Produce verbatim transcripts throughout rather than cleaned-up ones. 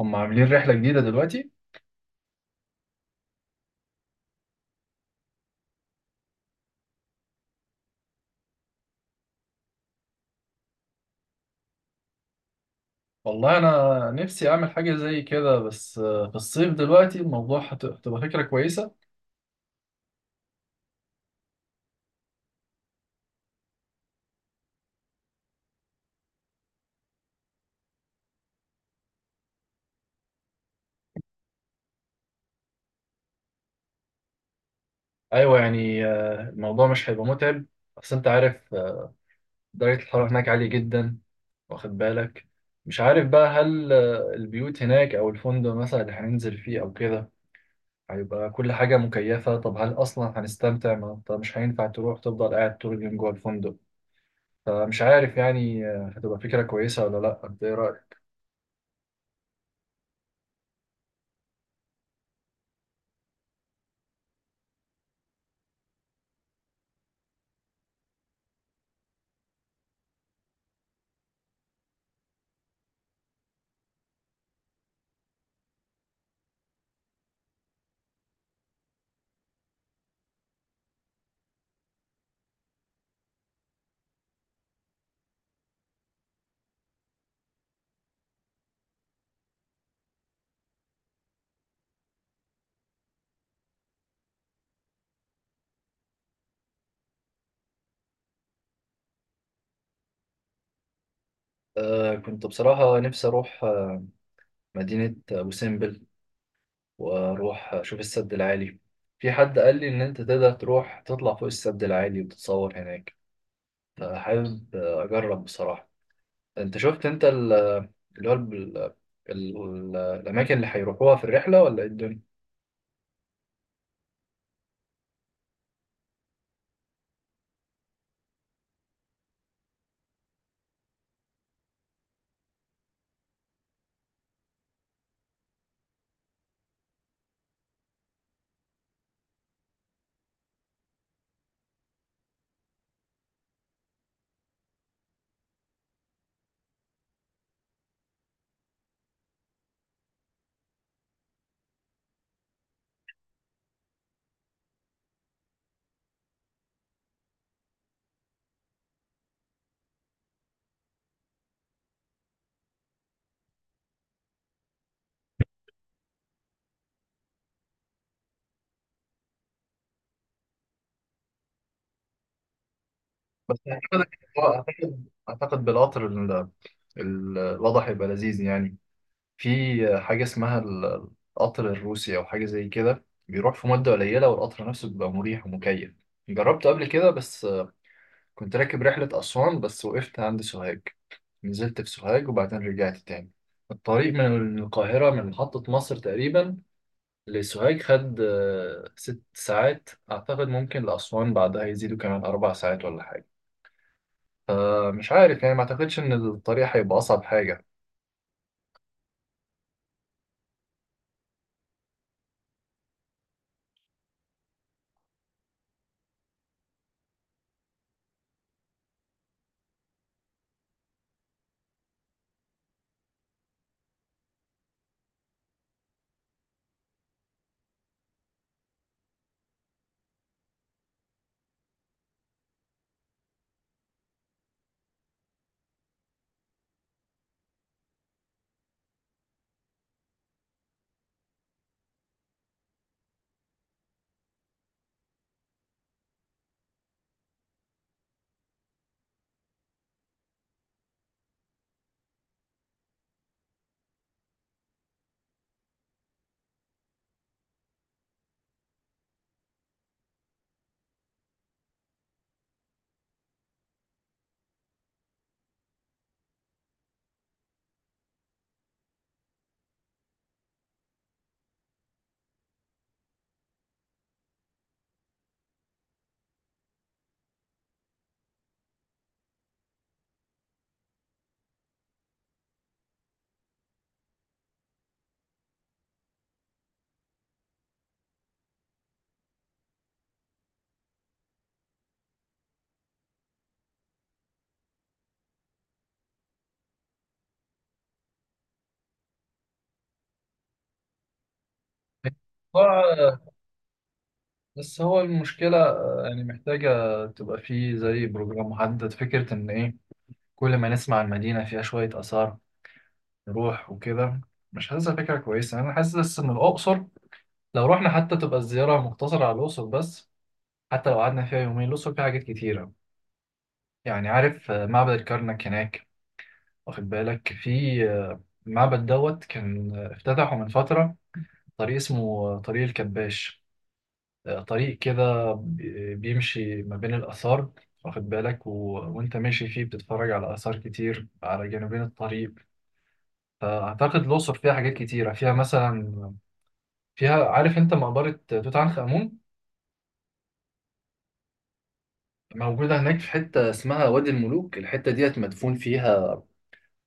هم عاملين رحلة جديدة دلوقتي. والله أنا نفسي أعمل حاجة زي كده، بس آه، في الصيف دلوقتي الموضوع هت- هتبقى فكرة كويسة. أيوة، يعني آه، الموضوع مش هيبقى متعب. بس أنت عارف، آه، درجة الحرارة هناك عالية جدا، واخد بالك. مش عارف بقى هل آه، البيوت هناك أو الفندق مثلا اللي هننزل فيه أو كده هيبقى كل حاجة مكيفة؟ طب هل أصلا هنستمتع؟ ما أنت مش هينفع تروح تفضل قاعد طول اليوم جوه الفندق. فمش عارف يعني، آه، هتبقى فكرة كويسة ولا لأ؟ أنت إيه رأيك؟ آه، كنت بصراحة نفسي أروح آه، مدينة أبو سمبل، وأروح أشوف السد العالي. في حد قال لي إن أنت تقدر تروح تطلع فوق السد العالي وتتصور هناك، فحابب آه، أجرب بصراحة. أنت شفت أنت ال- اللي هو ال- ال- ال- الأماكن اللي هيروحوها في الرحلة، ولا إيه الدنيا؟ بس أعتقد أعتقد أعتقد بالقطر ال- ال- الوضع هيبقى لذيذ يعني. في حاجة اسمها ال- القطر الروسي أو حاجة زي كده، بيروح في مدة قليلة، والقطر نفسه بيبقى مريح ومكيف. جربته قبل كده، بس كنت راكب رحلة أسوان بس وقفت عند سوهاج. نزلت في سوهاج وبعدين رجعت تاني. الطريق من القاهرة من محطة مصر تقريبا لسوهاج خد آه، ست ساعات أعتقد. ممكن لأسوان بعدها يزيدوا كمان أربع ساعات ولا حاجة. فمش عارف يعني، ما أعتقدش إن الطريق هيبقى أصعب حاجة. بس هو المشكلة، آه، يعني محتاجة تبقى فيه زي بروجرام محدد. فكرة إن إيه، كل ما نسمع المدينة فيها شوية آثار نروح وكده، مش حاسسها فكرة كويسة. أنا حاسس إن الأقصر لو رحنا حتى تبقى الزيارة مقتصرة على الأقصر بس. حتى لو قعدنا فيها يومين، الأقصر فيها حاجات كتيرة. يعني عارف آه، معبد الكرنك هناك، واخد بالك. في آه، المعبد دوت كان آه، افتتحه من فترة، طريق اسمه آه، طريق الكباش. طريق كده بي- بيمشي ما بين الآثار، واخد بالك، و... وأنت ماشي فيه بتتفرج على آثار كتير على جانبين الطريق. فأعتقد الأقصر فيها حاجات كتيرة، فيها مثلا، فيها عارف أنت مقبرة توت عنخ آمون موجودة هناك في حتة اسمها وادي الملوك. الحتة ديت مدفون فيها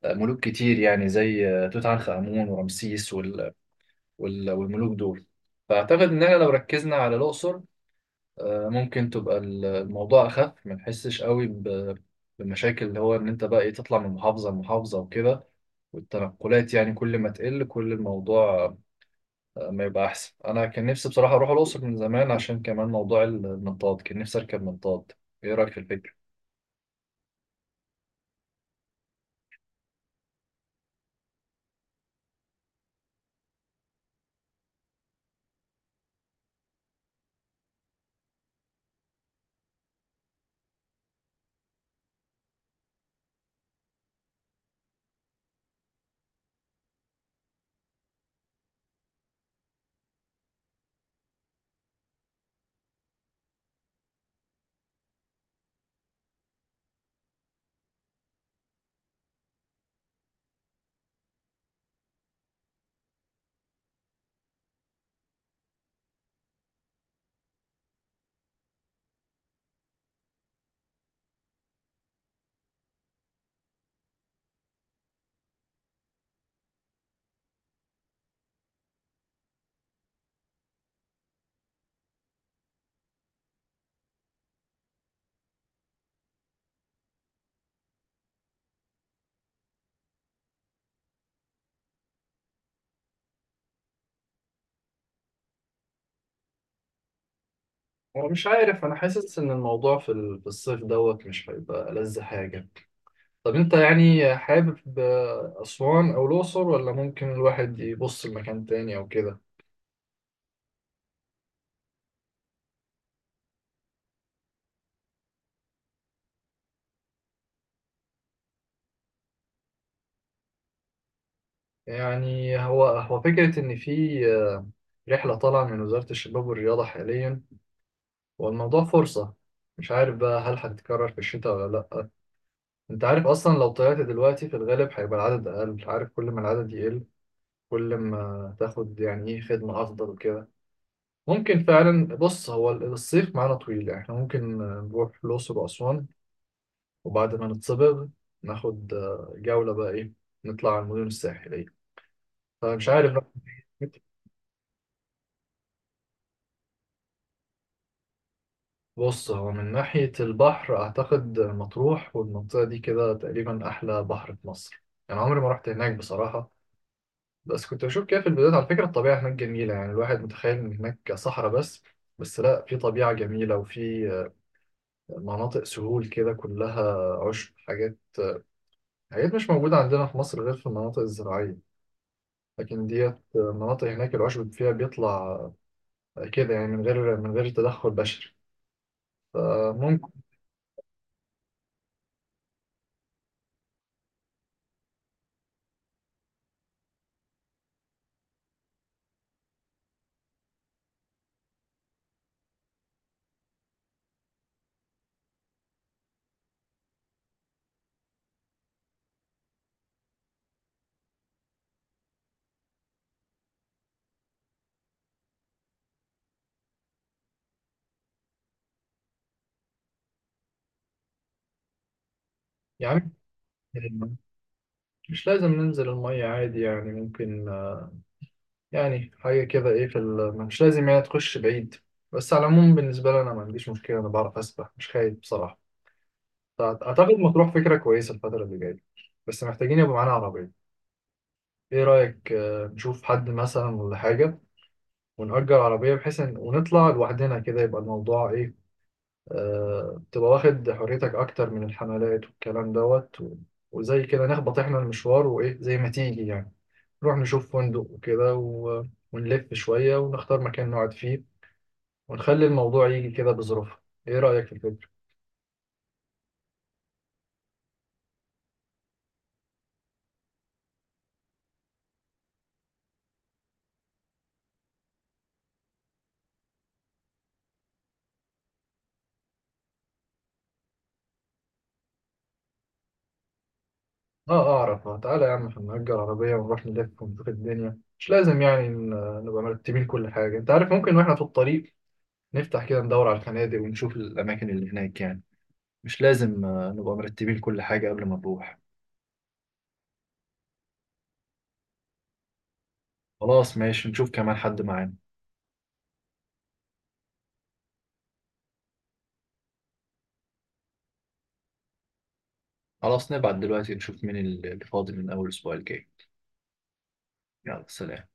ملوك كتير، يعني زي توت عنخ آمون ورمسيس وال... وال... والملوك دول. فأعتقد إن احنا لو ركزنا على الأقصر، آه، ممكن تبقى ال- الموضوع أخف، ما تحسش قوي ب- بمشاكل اللي هو إن أنت بقى إيه تطلع من محافظة لمحافظة وكده. والتنقلات يعني، كل ما تقل كل الموضوع آه، ما يبقى أحسن. أنا كان نفسي بصراحة أروح الأقصر من زمان، عشان كمان موضوع المنطاد كان نفسي أركب منطاد. إيه رأيك في الفكرة؟ هو مش عارف، أنا حاسس إن الموضوع في ال- في الصيف دوت مش هيبقى ألذ حاجة. طب أنت يعني حابب آه، أسوان أو الأقصر، ولا ممكن الواحد يبص لمكان تاني أو كده؟ يعني هو هو فكرة إن في آه، رحلة طالعة من وزارة الشباب والرياضة حاليا، والموضوع فرصة. مش عارف بقى هل هتتكرر في الشتاء ولا لأ. أنت عارف أصلا لو طلعت دلوقتي في الغالب هيبقى العدد أقل. عارف كل ما العدد يقل، كل ما تاخد يعني إيه خدمة أفضل وكده. ممكن فعلا، بص، هو الصيف معانا طويل يعني، إحنا ممكن آه، نروح الأقصر وأسوان، وبعد ما نتصبغ ناخد آه، جولة بقى إيه، نطلع على المدن الساحلية. فمش عارف بقى. بص، هو من ناحية البحر أعتقد مطروح والمنطقة دي كده تقريبا أحلى بحر في مصر. أنا عمري ما رحت هناك بصراحة، بس كنت بشوف كده في الفيديوهات. على فكرة، الطبيعة هناك جميلة، يعني الواحد متخيل إن هناك صحراء بس، بس لا، في طبيعة جميلة، وفي مناطق سهول كده كلها عشب، حاجات، حاجات مش موجودة عندنا في مصر غير في المناطق الزراعية، لكن ديت مناطق هناك العشب فيها بيطلع كده، يعني من غير من غير تدخل بشري. فممكن يعني، مش لازم ننزل المية عادي، يعني ممكن آه، يعني حاجة كده إيه في ال... مش لازم يعني تخش بعيد. بس على العموم بالنسبة لي أنا ما عنديش مشكلة، أنا بعرف أسبح مش خايف بصراحة. فأعت- أعتقد مطروح فكرة كويسة الفترة اللي جاية. بس محتاجين يبقى معانا عربية. إيه رأيك آه، نشوف حد مثلا ولا حاجة، ونأجر عربية، بحيث إن ونطلع لوحدنا كده يبقى الموضوع إيه، آه، تبقى واخد حريتك أكتر من الحملات والكلام دوت، و- وزي كده نخبط إحنا المشوار وإيه زي ما تيجي يعني. نروح نشوف فندق وكده، و- ونلف شوية ونختار مكان نقعد فيه، ونخلي الموضوع يجي كده بظروفها. إيه رأيك في الفكرة؟ آه أعرف، آه، تعالى يا عم، إحنا نأجر عربية ونروح نلف ونشوف الدنيا. مش لازم يعني ن- نبقى مرتبين كل حاجة. أنت عارف، ممكن وإحنا في الطريق نفتح كده ندور على الفنادق ونشوف الأماكن اللي هناك يعني. مش لازم آه، نبقى مرتبين كل حاجة قبل ما نروح. خلاص، ماشي، نشوف كمان حد معانا. خلاص، نبعت دلوقتي نشوف مين اللي فاضي من أول الأسبوع الجاي. يلا سلام.